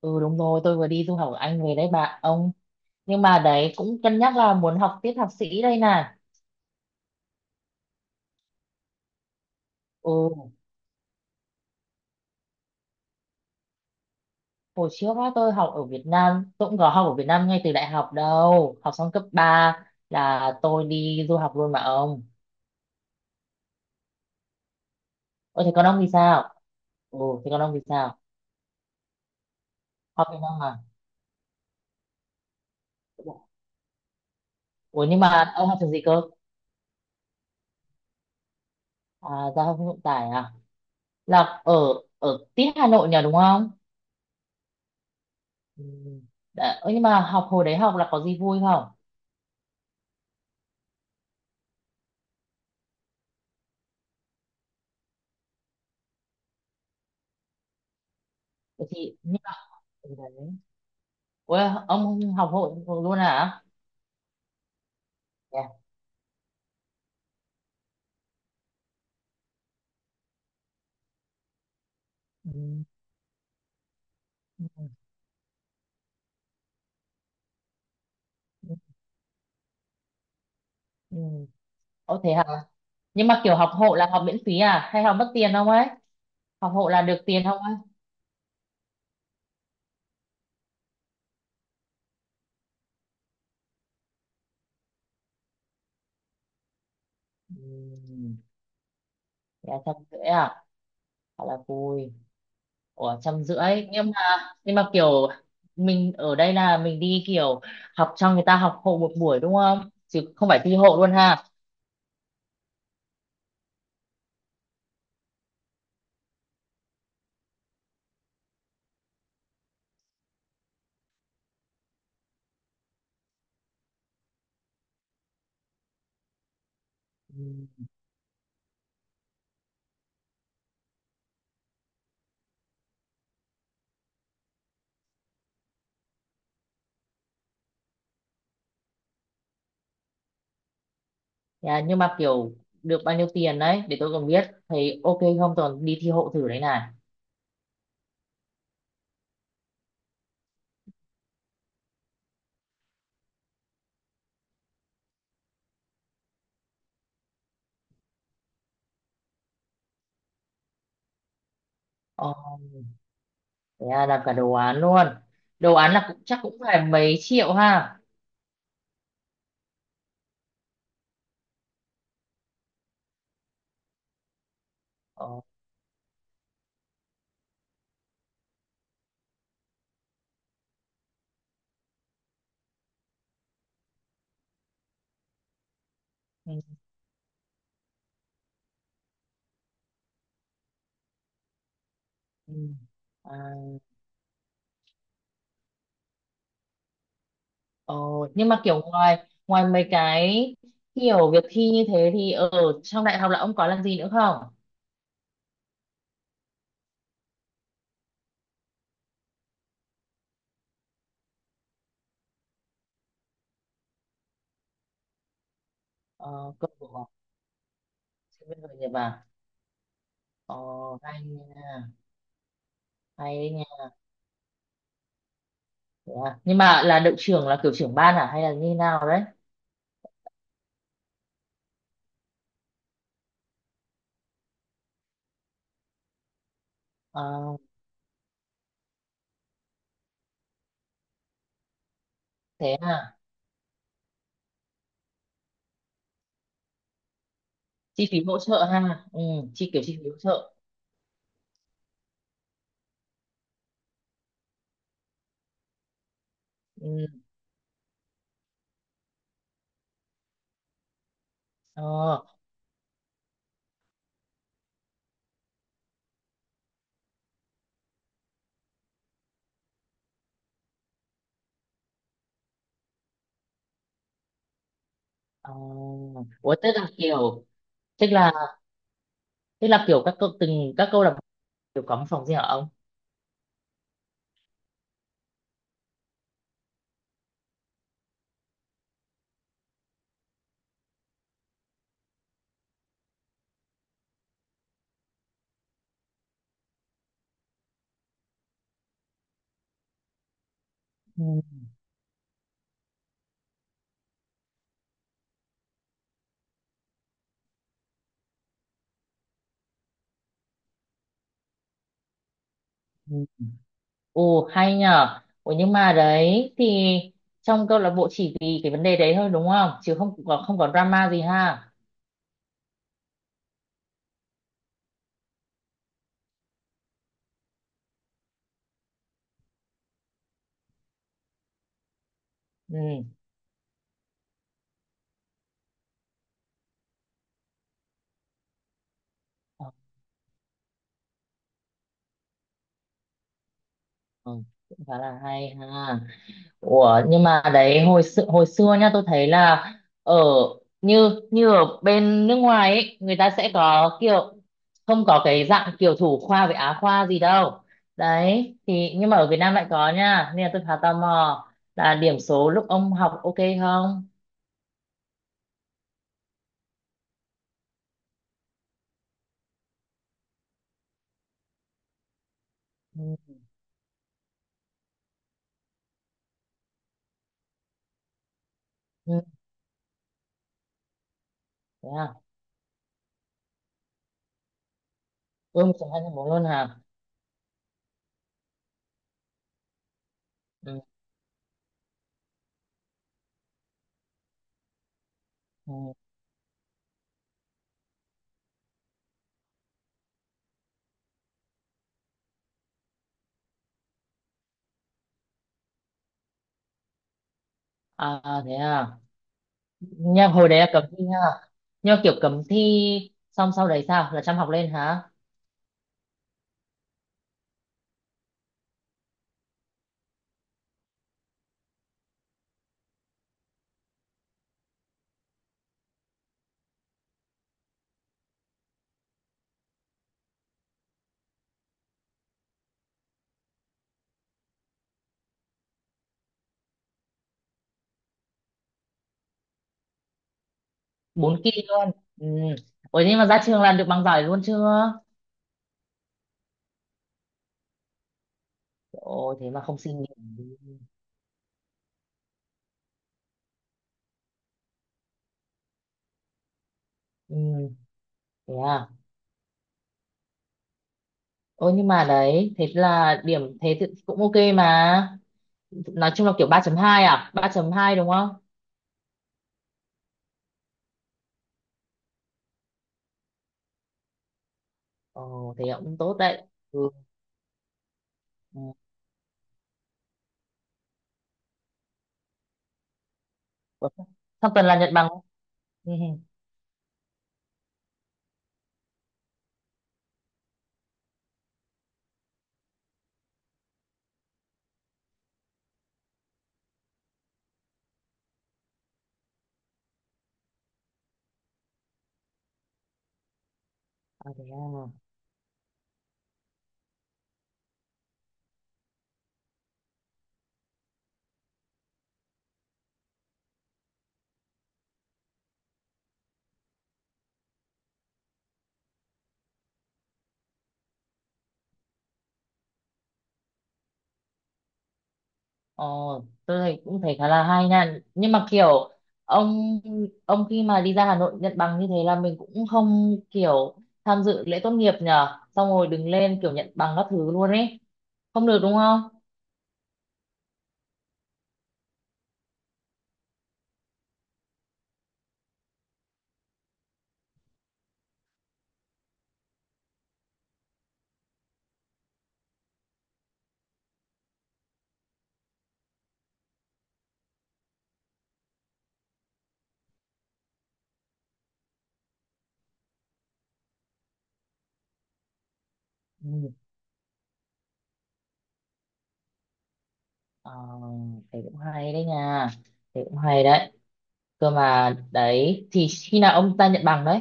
Ừ đúng rồi, tôi vừa đi du học ở Anh về đấy bạn ông. Nhưng mà đấy cũng cân nhắc là muốn học tiếp thạc sĩ đây nè. Ừ, hồi trước á, tôi học ở Việt Nam, tôi cũng có học ở Việt Nam ngay từ đại học đâu. Học xong cấp 3 là tôi đi du học luôn mà ông. Ôi thế còn ông thì sao? Ừ, thế còn ông thì sao? Học Việt Nam à? Ủa nhưng mà ông học trường gì cơ? À, giao thông vận tải à? Là ở ở tít Hà Nội nhỉ đúng không? Ừ. Đã, ơ, nhưng mà hồi đấy học là có gì vui không? Thì nhưng mà ừ, đấy. Ủa, ông không học hội luôn hả? Dạ. Ừ. Ừ. Ừ. Ồ thế hả? Nhưng mà kiểu học hộ là học miễn phí à? Hay học mất tiền không ấy? Học hộ là được tiền không ấy? Ừ. Dạ, 150 à? Thật là vui. Ủa, 150. Nhưng mà kiểu mình ở đây là mình đi kiểu học cho người ta học hộ một buổi đúng không? Chứ không phải thi hộ luôn ha? Ừ. Dạ, nhưng mà kiểu được bao nhiêu tiền đấy? Để tôi còn biết. Thấy ok không? Tôi còn đi thi hộ thử đấy này. Ồ. Thế à, làm cả đồ án luôn, đồ án là cũng chắc cũng phải mấy triệu ha. Ờ, ừ, ừ. À, ờ, nhưng mà kiểu ngoài ngoài mấy cái kiểu việc thi như thế thì ở trong đại học là ông có làm gì nữa không? Ờ, câu lạc bộ sinh viên khởi nghiệp à? Ờ, hay nha. Hay đấy nha. Thế à. Nhưng mà là đội trưởng là kiểu trưởng ban à hay là như nào đấy? Ờ, thế à. Chi phí hỗ trợ ha. Ừ, kiểu chi phí hỗ trợ. Ừ. Ờ. Ờ, ủa tức là tức là kiểu các câu từng các câu lạc bộ đều có một phòng riêng hả ông? Ừ. Ừ. Ồ hay nhờ, ủa nhưng mà đấy thì trong câu lạc bộ chỉ vì cái vấn đề đấy thôi đúng không, chứ không có drama gì ha? Ừ. Ờ, ờ, cũng khá là hay ha. Ủa nhưng mà đấy hồi xưa nha, tôi thấy là ở như như ở bên nước ngoài ấy, người ta sẽ có kiểu không có cái dạng kiểu thủ khoa với á khoa gì đâu, đấy thì nhưng mà ở Việt Nam lại có nha, nên là tôi khá tò mò là điểm số lúc ông học ok không? Ừ, ừ, thế à. Ôi một hai bốn luôn hả? Ừ, ừ. À à, thế à. Nhưng hồi đấy là cấm thi ha. Nhưng mà kiểu cấm thi xong sau đấy sao, là chăm học lên hả? 4 kỳ luôn. Ừ. Ủa nhưng mà ra trường làm được bằng giỏi luôn chưa? Ồ thế mà không xin nghỉ. Ừ. Thế à. Ôi nhưng mà đấy thế là điểm thế thì cũng ok mà, nói chung là kiểu 3,2 à, 3,2 đúng không? Ồ thế cũng tốt đấy. Ừ. Ừ. Ủa, sắp tuần là nhận bằng. Ừ. Ừ. À, thế à. Ờ, tôi thấy cũng khá là hay nha, nhưng mà kiểu ông, khi mà đi ra Hà Nội nhận bằng như thế là mình cũng không kiểu tham dự lễ tốt nghiệp nhờ xong rồi đứng lên kiểu nhận bằng các thứ luôn ấy, không được đúng không? Ừ. Ờ, thế cũng hay đấy nha, thế cũng hay đấy. Cơ mà đấy thì khi nào ông ta nhận bằng đấy?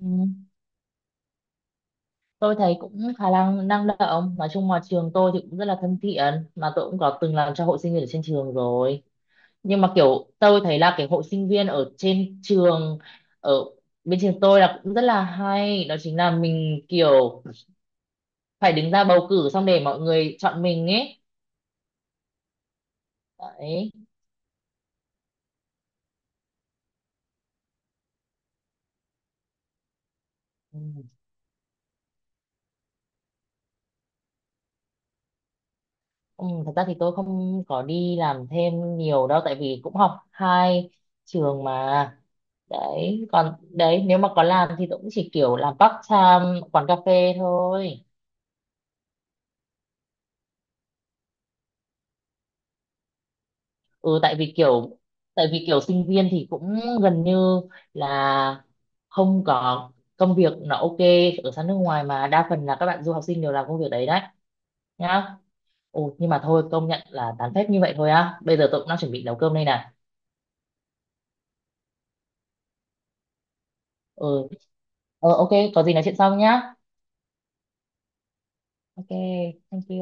Ừ. Tôi thấy cũng khá là năng động, nói chung là trường tôi thì cũng rất là thân thiện, mà tôi cũng có từng làm cho hội sinh viên ở trên trường rồi, nhưng mà kiểu tôi thấy là cái hội sinh viên ở trên trường ở bên trường tôi là cũng rất là hay, đó chính là mình kiểu phải đứng ra bầu cử xong để mọi người chọn mình ấy đấy. Ừ. Ừ, thật ra thì tôi không có đi làm thêm nhiều đâu tại vì cũng học hai trường mà. Đấy còn đấy, nếu mà có làm thì tôi cũng chỉ kiểu làm part time quán cà phê thôi. Ừ, tại vì kiểu sinh viên thì cũng gần như là không có công việc nó ok, ở sang nước ngoài mà đa phần là các bạn du học sinh đều làm công việc đấy đấy nhá. Ồ, nhưng mà thôi công nhận là tán phép như vậy thôi á, bây giờ tôi cũng đang chuẩn bị nấu cơm đây nè. Ừ, ờ ok, có gì nói chuyện sau nhá. Ok, thank you.